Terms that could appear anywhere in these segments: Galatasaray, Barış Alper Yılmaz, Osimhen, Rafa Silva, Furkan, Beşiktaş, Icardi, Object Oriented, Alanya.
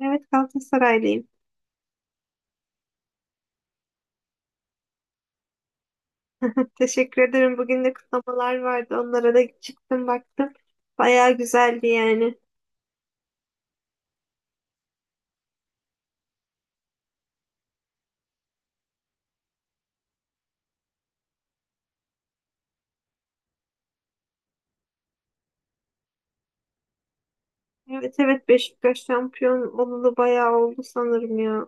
Evet Galatasaraylıyım. Teşekkür ederim. Bugün de kutlamalar vardı. Onlara da çıktım baktım. Bayağı güzeldi yani. Evet, evet, Beşiktaş şampiyon olalı bayağı oldu sanırım ya.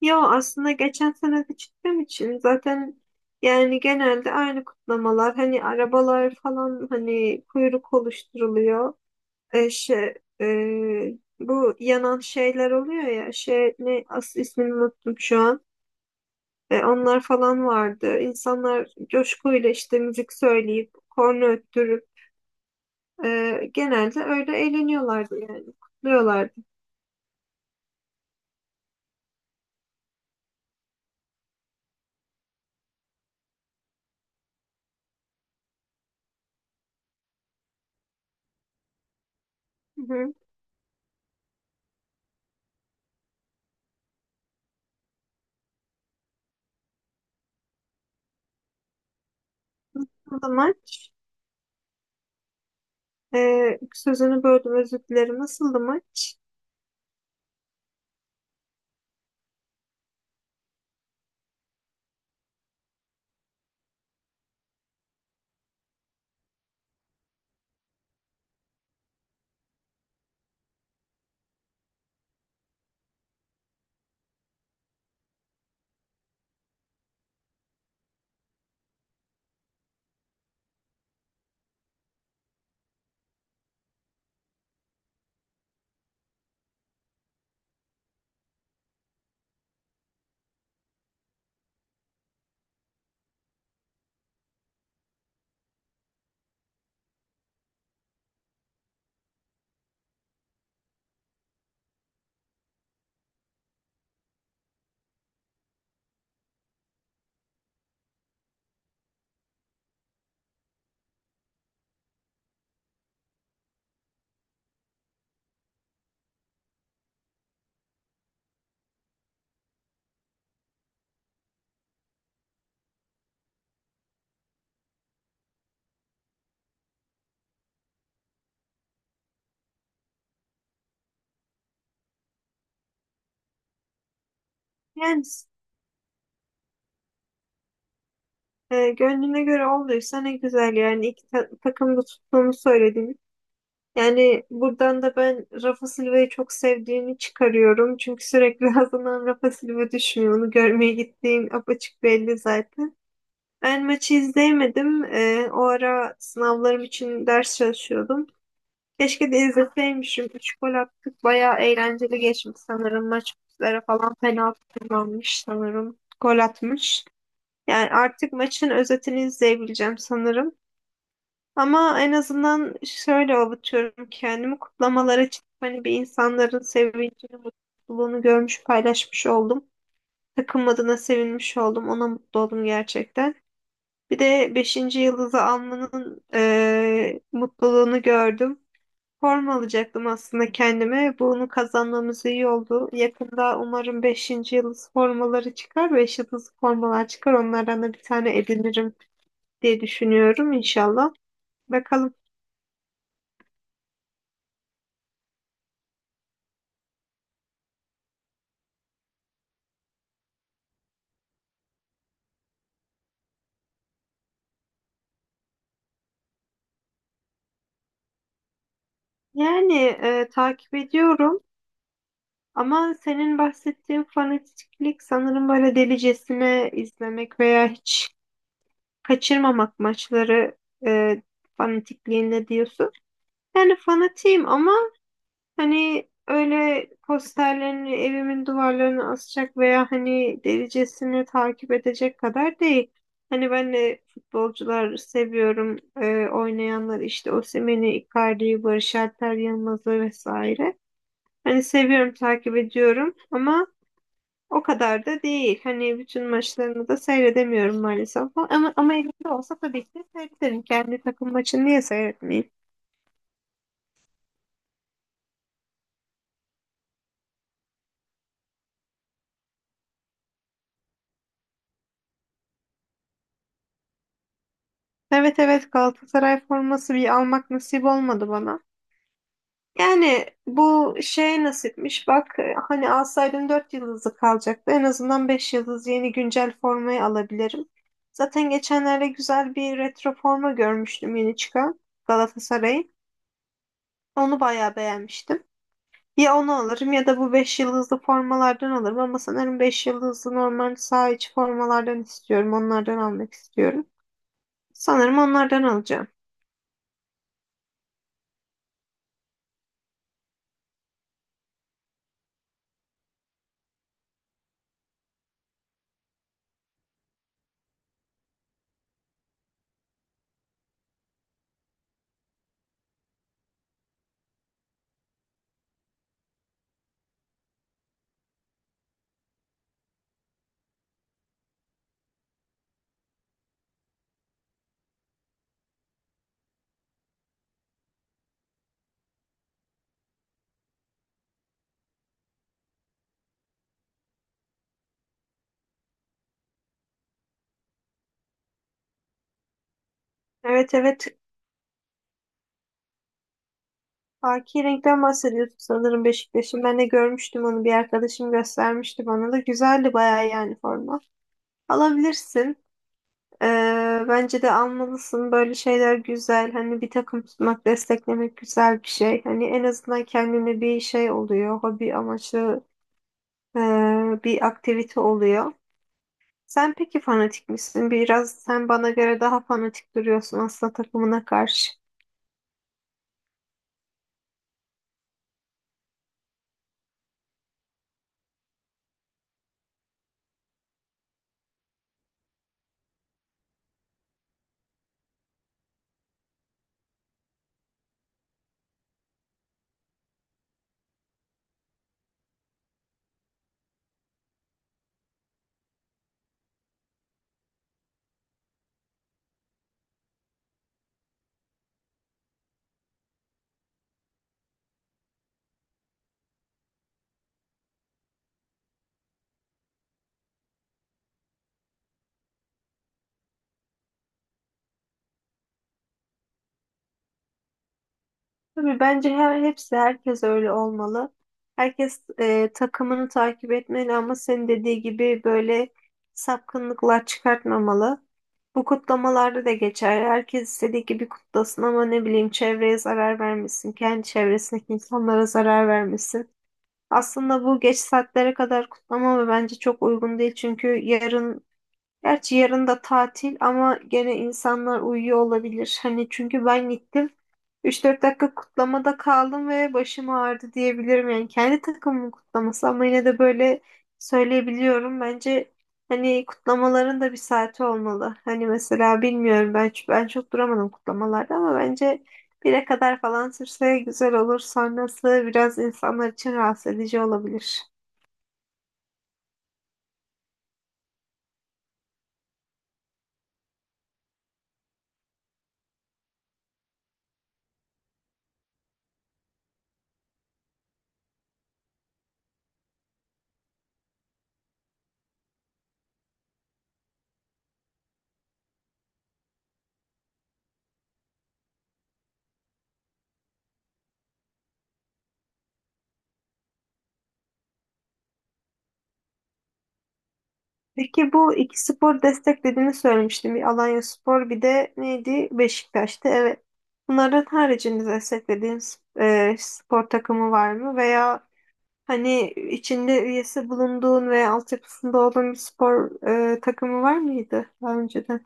Yo aslında geçen sene de çıktığım için zaten yani genelde aynı kutlamalar. Hani arabalar falan hani kuyruk oluşturuluyor. Şey, bu yanan şeyler oluyor ya şey ne, asıl ismini unuttum şu an. Onlar falan vardı. İnsanlar coşkuyla işte müzik söyleyip, korna öttürüp genelde öyle eğleniyorlardı yani. Kutluyorlardı. Hı hı. Nasıldı maç? Sözünü böldüm, özür dilerim. Nasıldı maç? Yani gönlüne göre olduysa ne güzel yani. İki takım da tuttuğumu söyledim. Yani buradan da ben Rafa Silva'yı çok sevdiğini çıkarıyorum. Çünkü sürekli ağzından Rafa Silva düşmüyor. Onu görmeye gittiğin apaçık belli zaten. Ben maçı izleyemedim. O ara sınavlarım için ders çalışıyordum. Keşke de izleseymişim. Üç gol attık. Bayağı eğlenceli geçmiş sanırım. Maç üzere falan penaltı kullanmış sanırım. Gol atmış. Yani artık maçın özetini izleyebileceğim sanırım. Ama en azından şöyle avutuyorum kendimi. Kutlamalara çıkıp hani bir insanların sevincini, mutluluğunu görmüş, paylaşmış oldum. Takım adına sevinmiş oldum. Ona mutlu oldum gerçekten. Bir de beşinci yıldızı almanın mutluluğunu gördüm. Forma alacaktım aslında kendime. Bunu kazanmamız iyi oldu. Yakında umarım beşinci yıldız formaları çıkar. Beş yıldız formalar çıkar. Onlardan da bir tane edinirim diye düşünüyorum inşallah. Bakalım. Yani takip ediyorum. Ama senin bahsettiğin fanatiklik sanırım böyle delicesine izlemek veya hiç kaçırmamak maçları eee fanatikliğinde diyorsun. Yani fanatiyim ama hani öyle posterlerini evimin duvarlarına asacak veya hani derecesini takip edecek kadar değil. Hani ben de futbolcular seviyorum. Oynayanlar işte Osimhen'i, Icardi'yi, Barış Alper Yılmaz'ı vesaire. Hani seviyorum, takip ediyorum ama o kadar da değil. Hani bütün maçlarını da seyredemiyorum maalesef. Ama elimde olsa tabii ki seyrederim. Kendi takım maçını niye seyretmeyeyim? Evet, evet, Galatasaray forması bir almak nasip olmadı bana. Yani bu şey nasipmiş bak, hani alsaydın 4 yıldızlı kalacaktı. En azından 5 yıldız yeni güncel formayı alabilirim. Zaten geçenlerde güzel bir retro forma görmüştüm yeni çıkan Galatasaray'ın. Onu bayağı beğenmiştim. Ya onu alırım ya da bu 5 yıldızlı formalardan alırım ama sanırım 5 yıldızlı normal saha içi formalardan istiyorum. Onlardan almak istiyorum. Sanırım onlardan alacağım. Evet, evet, haki renkten bahsediyorsun sanırım Beşiktaş'ın. Ben de görmüştüm onu, bir arkadaşım göstermişti bana da. Güzeldi bayağı yani forma. Alabilirsin. Ee, Bence de almalısın. Böyle şeyler güzel. Hani bir takım tutmak, desteklemek güzel bir şey. Hani en azından kendine bir şey oluyor. Hobi amaçlı e, bir aktivite oluyor. Sen peki fanatik misin? Biraz sen bana göre daha fanatik duruyorsun aslında takımına karşı. Tabii bence herkes öyle olmalı. Herkes takımını takip etmeli ama senin dediği gibi böyle sapkınlıklar çıkartmamalı. Bu kutlamalarda da geçer. Herkes istediği gibi kutlasın ama ne bileyim çevreye zarar vermesin. Kendi çevresindeki insanlara zarar vermesin. Aslında bu geç saatlere kadar kutlama ve bence çok uygun değil. Çünkü yarın... Gerçi yarın da tatil ama gene insanlar uyuyor olabilir. Hani çünkü ben gittim. 3-4 dakika kutlamada kaldım ve başım ağrıdı diyebilirim. Yani kendi takımımın kutlaması ama yine de böyle söyleyebiliyorum. Bence hani kutlamaların da bir saati olmalı. Hani mesela bilmiyorum ben, ben çok duramadım kutlamalarda ama bence 1'e kadar falan sürse güzel olur. Sonrası biraz insanlar için rahatsız edici olabilir. Peki bu iki spor desteklediğini söylemiştim. Bir Alanya spor bir de neydi? Beşiktaş'tı. Evet. Bunların haricinde desteklediğiniz spor takımı var mı? Veya hani içinde üyesi bulunduğun veya altyapısında olduğun bir spor takımı var mıydı daha önceden?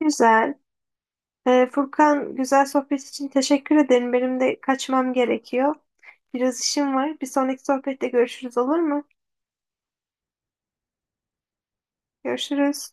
Güzel. Furkan, güzel sohbet için teşekkür ederim. Benim de kaçmam gerekiyor. Biraz işim var. Bir sonraki sohbette görüşürüz, olur mu? Görüşürüz.